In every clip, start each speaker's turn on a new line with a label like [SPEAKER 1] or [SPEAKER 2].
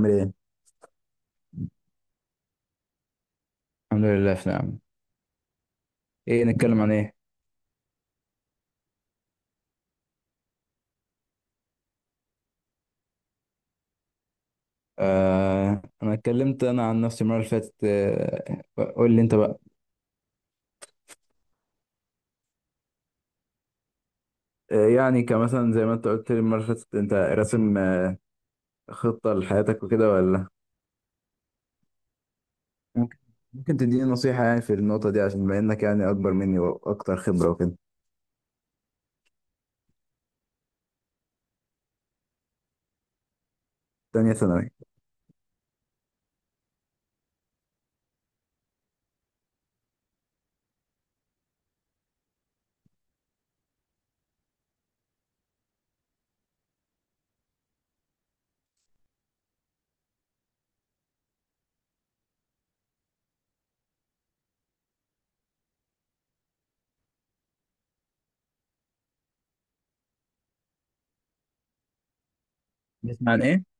[SPEAKER 1] عامل ايه؟ الحمد لله في نعم. ايه نتكلم عن ايه؟ انا اتكلمت عن نفسي المره اللي فاتت قول لي انت بقى. يعني كمثلا زي ما انت قلت لي المرة اللي فاتت انت راسم، خطة لحياتك وكده ولا ممكن ممكن تديني نصيحة، يعني في النقطة دي، عشان بما انك يعني اكبر مني واكتر خبرة وكده. تانية ثانوي. بتسمع عن ايه؟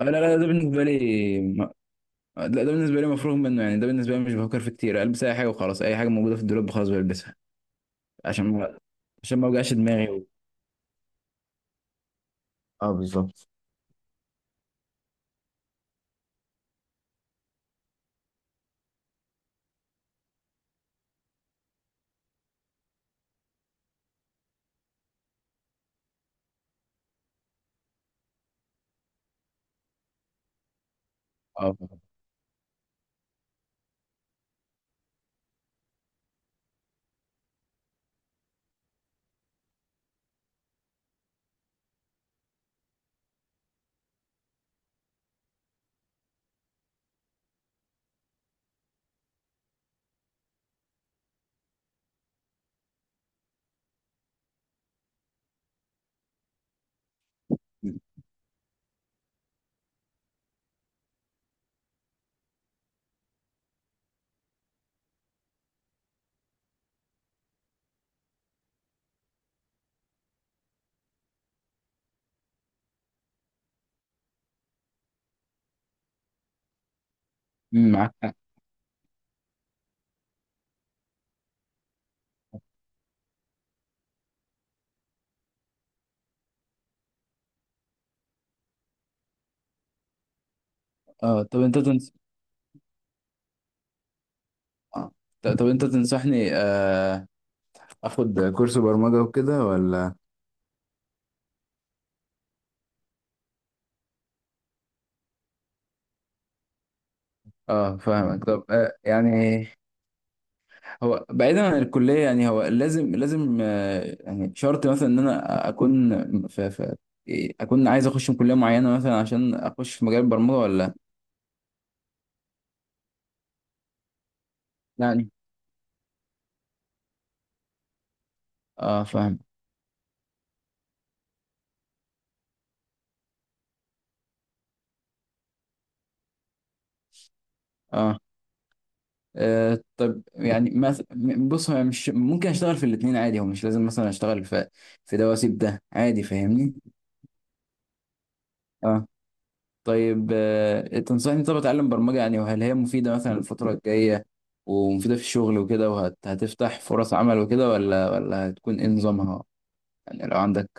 [SPEAKER 1] لا، لا، ده بالنسبه لي ما... لا، ده بالنسبه لي مفروغ منه، يعني ده بالنسبه لي مش بفكر فيه كتير، البس اي حاجه وخلاص، اي حاجه موجوده في الدولاب خلاص بلبسها، عشان ما عشان ما اوجعش دماغي. اه، بالظبط. اه. مم، معاك حق. اه، اه طب انت تنصحني اخد كورس برمجة وكده ولا؟ اه، فاهمك. طب، يعني هو بعيدا عن الكلية، يعني هو لازم لازم، يعني شرط مثلا ان انا اكون في ، اكون عايز اخش من كلية معينة مثلا عشان اخش في مجال البرمجة ولا يعني؟ اه، فاهم. اه. طب يعني مثلا، بص، هو مش ممكن اشتغل في الاثنين عادي؟ هو مش لازم مثلا اشتغل في ده واسيب ده عادي، فاهمني؟ اه. طيب، تنصحني طب اتعلم برمجة يعني؟ وهل هي مفيدة مثلا الفترة الجاية، ومفيدة في الشغل وكده، وهتفتح فرص عمل وكده، ولا هتكون ايه نظامها، يعني لو عندك؟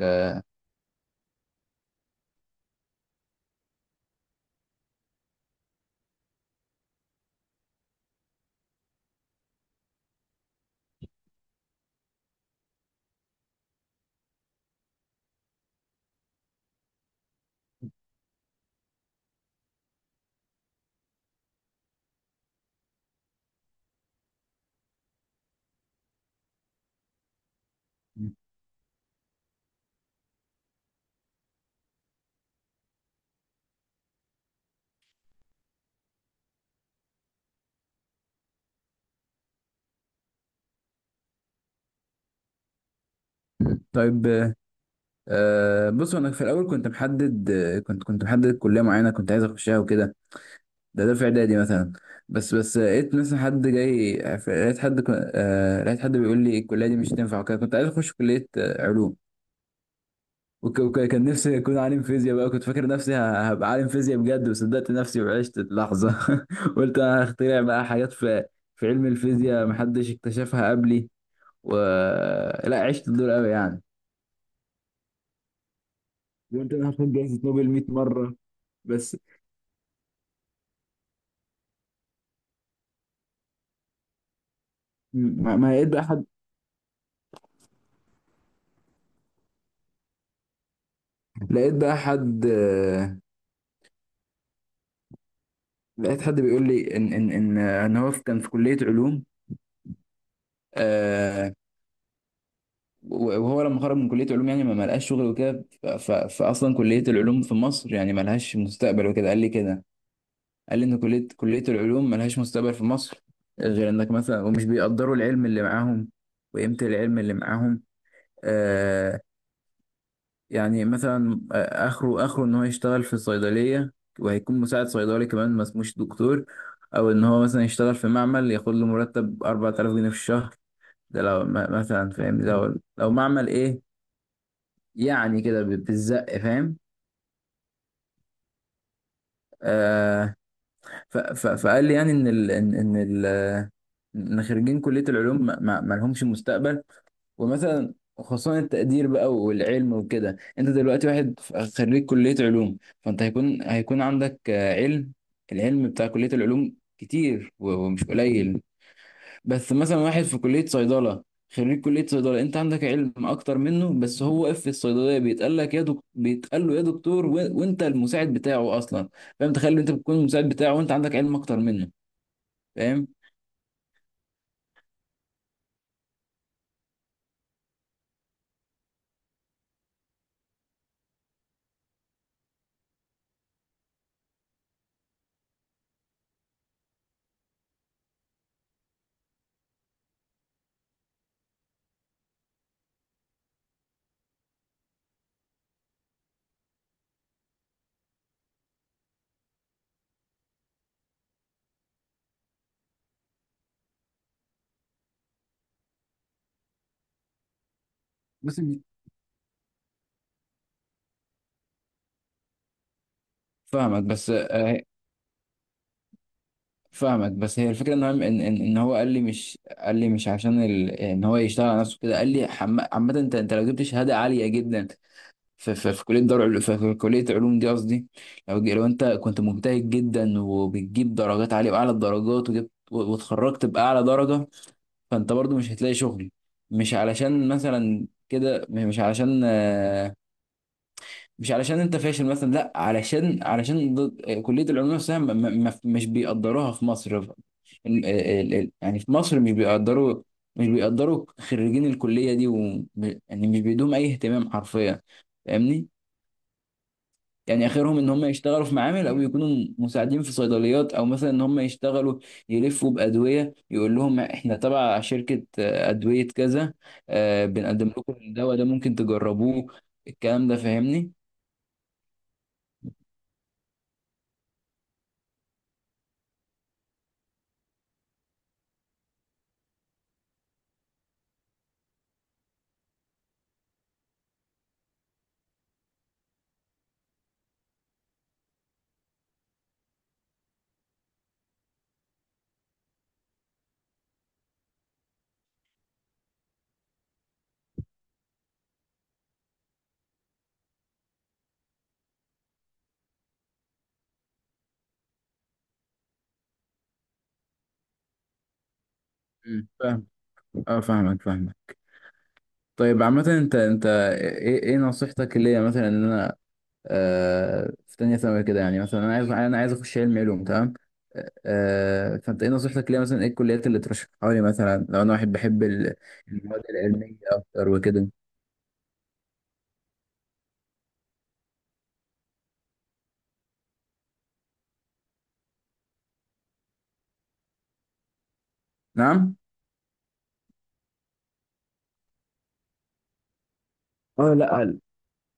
[SPEAKER 1] طيب. بص، انا في الاول كنت محدد، كنت محدد كليه معينه كنت عايز اخشها وكده، ده في اعدادي مثلا. بس لقيت مثلا حد جاي، لقيت حد بيقول لي الكليه دي مش تنفع وكده. كنت عايز اخش كليه، علوم. كان نفسي اكون عالم فيزياء بقى، كنت فاكر نفسي هبقى عالم فيزياء بجد، وصدقت نفسي وعشت اللحظه قلت انا هخترع بقى حاجات في علم الفيزياء محدش اكتشفها قبلي و لا، عشت الدور قوي يعني. قلت انا هاخد جائزه نوبل 100 مره. بس ما لقيت بقى حد. لقيت بقى حد لقيت حد بيقول لي ان هو كان في كليه علوم آه وهو لما خرج من كليه علوم يعني ما لقاش شغل وكده. فاصلا كليه العلوم في مصر يعني ما لهاش مستقبل وكده، قال لي كده. قال لي ان كليه العلوم ما لهاش مستقبل في مصر، غير انك مثلا، ومش بيقدروا العلم اللي معاهم وقيمه العلم اللي معاهم آه، يعني مثلا، اخره ان هو يشتغل في الصيدليه، وهيكون مساعد صيدلي كمان ما اسموش دكتور، او ان هو مثلا يشتغل في معمل ياخد له مرتب 4000 جنيه في الشهر. ده لو مثلا فاهم، لو معمل ايه يعني، كده بالزق فاهم آه ف ف فقال لي يعني ان خريجين كليه العلوم ما لهمش مستقبل، ومثلا خصوصا التقدير بقى والعلم وكده. انت دلوقتي واحد خريج كلية علوم، فانت هيكون عندك، علم. العلم بتاع كلية العلوم كتير ومش قليل. بس مثلا واحد في كلية صيدلة، خريج كلية صيدلة، انت عندك علم اكتر منه، بس هو واقف في الصيدلية بيتقال لك يا دكتور، بيتقال له يا دكتور، وانت المساعد بتاعه اصلا. فاهم؟ تخيل، انت بتكون المساعد بتاعه وانت عندك علم اكتر منه، فاهم؟ بس، فاهمك. بس، فاهمك. بس هي الفكره ان هو ان ان إن هو قال لي، مش قال لي مش عشان ال... ان هو يشتغل على نفسه كده. قال لي عامه، انت لو جبت شهاده عاليه جدا في في في كليه علوم دي قصدي، لو انت كنت مجتهد جدا وبتجيب درجات عاليه واعلى الدرجات، وجبت واتخرجت باعلى درجه، فانت برضو مش هتلاقي شغل. مش علشان مثلا كده مش علشان مش علشان انت فاشل مثلا، لا، علشان كلية العلوم نفسها مش بيقدروها في مصر. ال- ال- يعني في مصر مش بيقدروا، مش بيقدروا خريجين الكلية دي يعني مش بيدوهم أي اهتمام حرفيا، فاهمني؟ يعني آخرهم إن هم يشتغلوا في معامل، أو يكونوا مساعدين في صيدليات، أو مثلا إن هم يشتغلوا يلفوا بأدوية يقول لهم إحنا تبع شركة، أدوية كذا، بنقدم لكم الدواء ده ممكن تجربوه. الكلام ده فاهمني؟ مم. اه، فاهمك، فاهمك. طيب عامة، انت ايه نصيحتك ليا مثلا، ان انا في تانية ثانوي كده، يعني مثلا انا عايز اخش علم علوم، تمام؟ آه، فانت ايه نصيحتك ليا مثلا؟ ايه الكليات اللي ترشحها لي مثلا لو انا واحد بحب المواد العلمية اكتر وكده؟ نعم. اه، لا،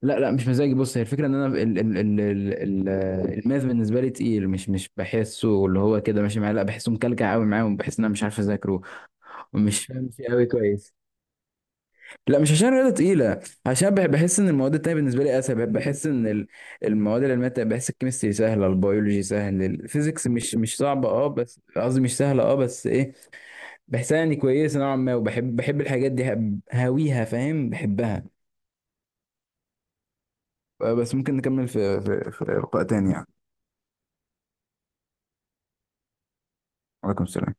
[SPEAKER 1] لا، لا، مش مزاجي. بص، هي الفكرة ان انا الماث بالنسبة لي تقيل، مش بحسه اللي هو كده ماشي معايا، لا، بحسه مكلكع قوي معايا، وبحس ان انا مش عارف اذاكره ومش فاهم فيه قوي كويس. لا، مش عشان رياضة تقيلة، عشان بحس ان المواد التانية بالنسبة لي اسهل. بحس ان المواد العلمية التانية، بحس الكيمستري سهلة، البيولوجي سهل، الفيزيكس مش صعبة، اه، بس قصدي مش سهلة، اه، بس ايه، بحسها يعني كويسة نوعا ما، وبحب بحب الحاجات دي، هاويها، فاهم، بحبها. بس ممكن نكمل في لقاء تاني يعني. وعليكم السلام.